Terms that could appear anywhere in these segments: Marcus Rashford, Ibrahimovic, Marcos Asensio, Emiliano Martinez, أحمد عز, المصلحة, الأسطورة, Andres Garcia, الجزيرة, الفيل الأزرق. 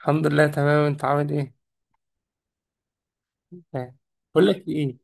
الحمد لله تمام. انت عامل ايه؟ تمام. بقول لك ايه؟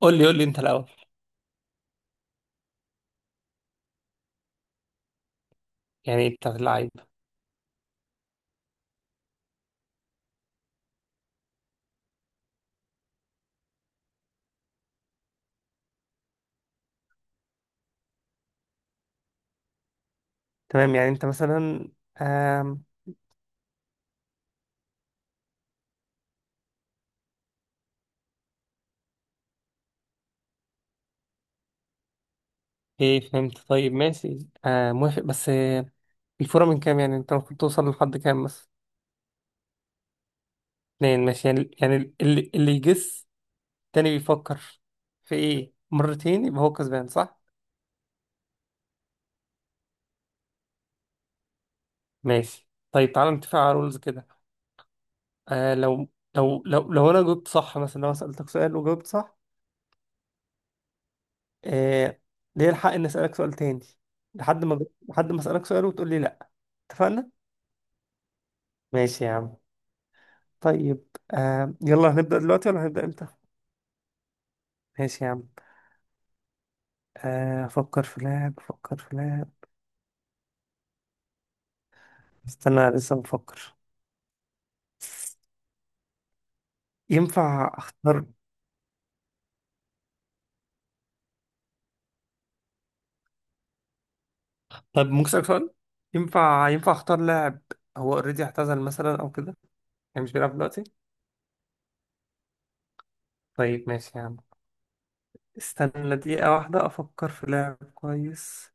قول لي قول لي انت الاول. يعني بتاع اللعيب. تمام، يعني انت مثلا آم... ايه فهمت. طيب ماشي. آه، موافق بس الفورة من كام؟ يعني انت المفروض توصل لحد كام بس؟ 2 ماشي. يعني اللي يجس تاني بيفكر في ايه مرتين، يبقى هو كسبان صح؟ ماشي. طيب تعالى نتفق على رولز كده. آه، لو انا جاوبت صح، مثلا لو انا سألتك سؤال وجاوبت صح. آه، ليه الحق إني أسألك سؤال تاني. لحد ما لحد ما أسألك سؤال وتقول لي لأ. اتفقنا؟ ماشي يا عم. طيب يلا هنبدأ دلوقتي ولا هنبدأ إمتى؟ ماشي يا عم. أفكر في لاعب، أفكر في لاعب. استنى، لسه بفكر. ينفع أختار؟ طب ممكن أسألك سؤال؟ ينفع أختار لاعب؟ هو أوريدي اعتزل مثلا أو كده؟ يعني مش بيلعب دلوقتي؟ طيب ماشي يا عم. استنى دقيقة واحدة أفكر في لاعب كويس.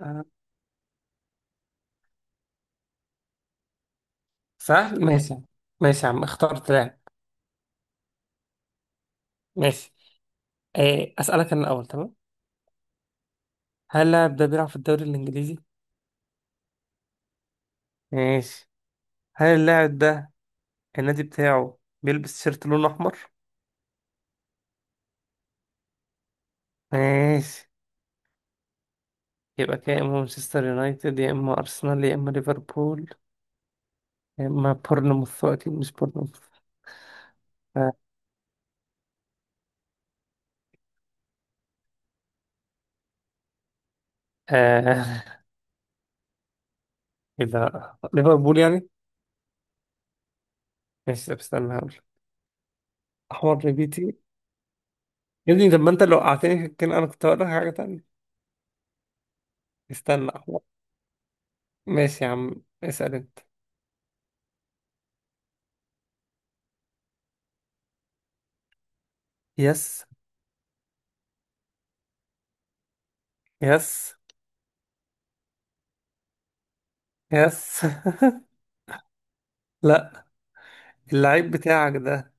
آه، سهل ماشي. ماشي يا عم، اخترت لاعب. ماشي. إيه أسألك أنا الأول؟ تمام. هل اللاعب ده بيلعب في الدوري الإنجليزي؟ ماشي. هل اللاعب ده النادي بتاعه بيلبس شيرت لونه أحمر؟ ماشي. يبقى كده، يا إما مانشستر يونايتد يا إما أرسنال يا إما ليفربول يا إما بورنموث. أكيد مش بورنموث. آه. آه. إذا ليفربول يعني؟ ماشي. طب استنى هقول. أحمر نبيتي. يا ابني طب ما أنت لو قعدتني كان أنا كنت هقول لك حاجة تانية. استنى، أحمر. ماشي يا عم. اسأل أنت. يس. يس. يس لا. اللعيب بتاعك ده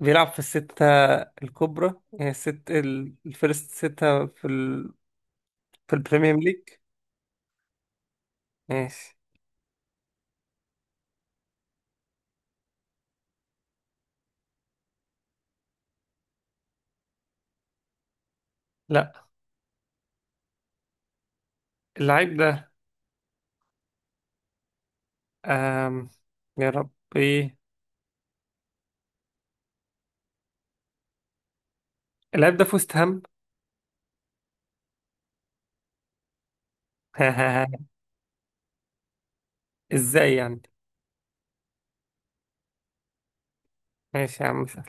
بيلعب في الستة الكبرى، يعني الست الفيرست 6 في البريمير ليج. ماشي. لا. اللعيب ده أم... يا ربي، اللعيب ده في وست هام. ازاي يعني؟ ماشي يا عم سهل.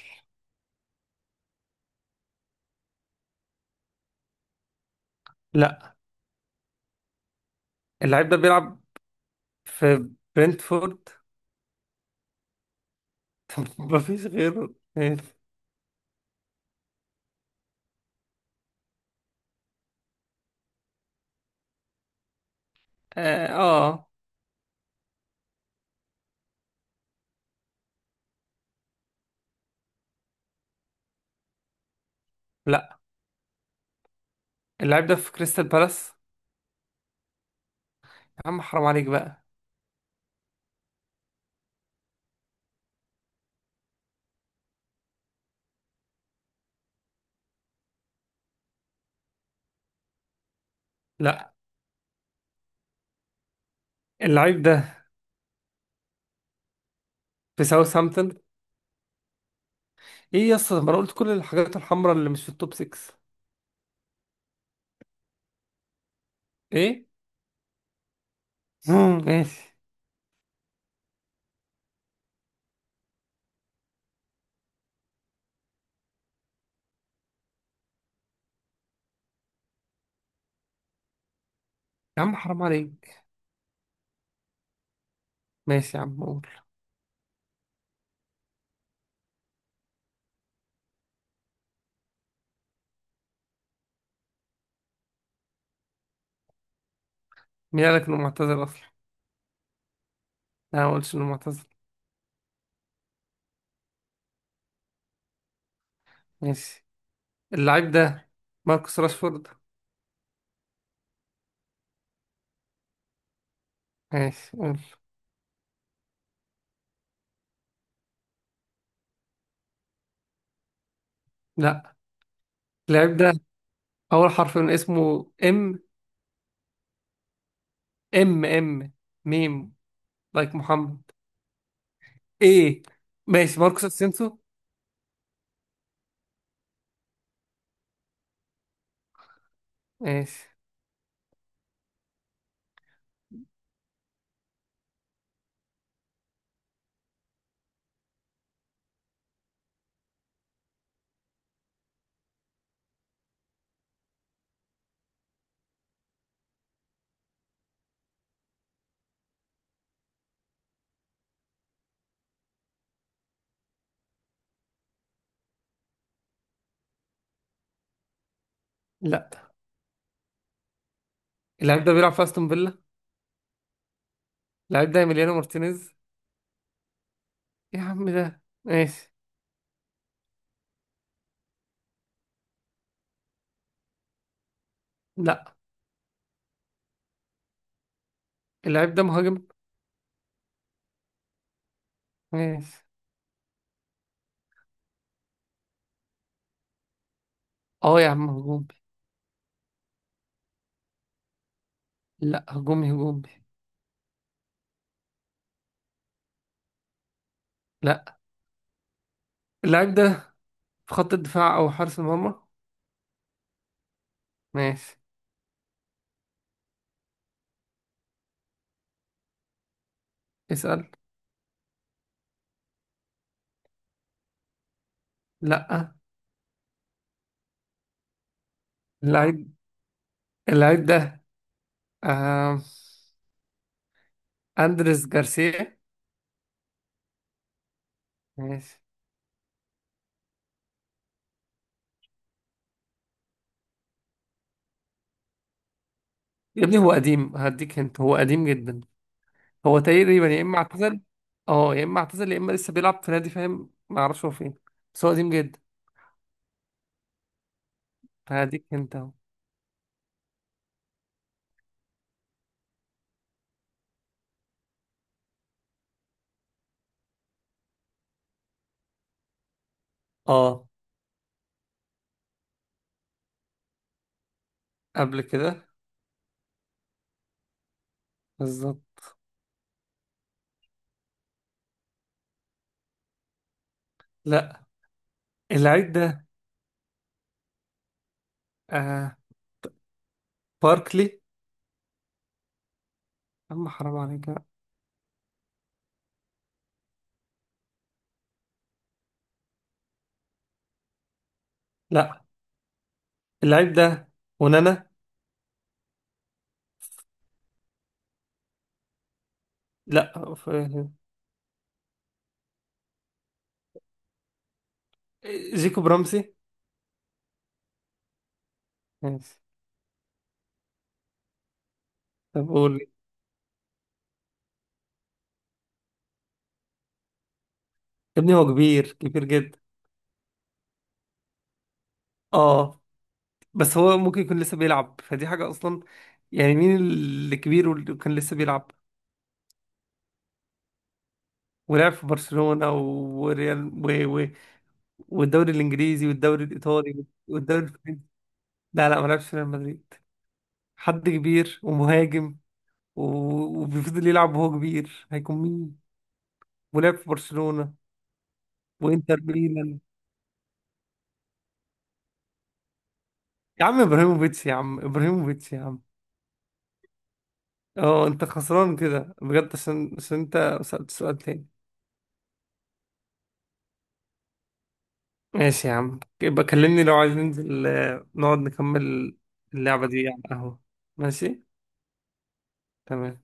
لا. اللعيب ده بيلعب في برنتفورد؟ مفيش غيره. ماشي. اه، آه. لا. اللعيب ده في كريستال بالاس؟ يا عم حرام عليك بقى. لا. اللعيب ده في ساوثهامبتون؟ ايه يا اسطى، ما انا قلت كل الحاجات الحمراء اللي مش في التوب 6. ايه؟ مم، ماشي. يا عم حرام عليك. ماشي يا عم، قول. مين قالك انه معتزل اصلا؟ انا ما قلتش انه معتزل. ماشي. اللاعب ده ماركوس راشفورد؟ ماشي، قول. لا. اللاعب ده اول حرف من اسمه ام؟ ام ام، ميم لايك محمد. ايه؟ ماشي. ماركوس اسينسو؟ ماشي. لا. اللاعب ده بيلعب في استون فيلا؟ اللاعب ده ايميليانو مارتينيز؟ إيه يا عم، ده ماشي. لا. اللاعب ده مهاجم؟ ماشي. اه يا عم، هجومي. لا، هجومي هجومي. لا. اللاعب ده في خط الدفاع او حارس المرمى؟ ماشي. اسأل. لا. اللاعب اللاعب ده آه... اندريس جارسيا؟ ماشي. يا ابني، هو قديم. هديك انت، هو قديم جدا. هو تقريبا يا اما اعتزل. اه، يا اما اعتزل يا اما لسه بيلعب في نادي، فاهم، ما اعرفش هو فين. بس هو قديم جدا. هديك انت اهو. اه. قبل كده. بالظبط. لا. اللاعب ده آه... باركلي؟ اما حرام عليك. لا. اللعيب ده ونانا؟ لا جيكوب برمسي؟ ماشي. طب قول. يا ابني، هو كبير كبير جدا. اه. بس هو ممكن يكون لسه بيلعب فدي حاجة اصلا. يعني مين اللي كبير واللي كان لسه بيلعب ولعب في برشلونة وريال و... و... والدوري الانجليزي والدوري الايطالي والدوري الفرنسي؟ لا، لا، ما لعبش في ريال مدريد. حد كبير ومهاجم و... وبيفضل يلعب وهو كبير، هيكون مين؟ ولعب في برشلونة وانتر ميلان. يا عم ابراهيموفيتش، يا عم ابراهيموفيتش، يا عم! اه، انت خسران كده بجد، عشان انت سألت سؤال تاني. ماشي يا عم، يبقى كلمني لو عايز ننزل، نقعد نكمل. اللعبة دي على القهوة. ماشي. تمام.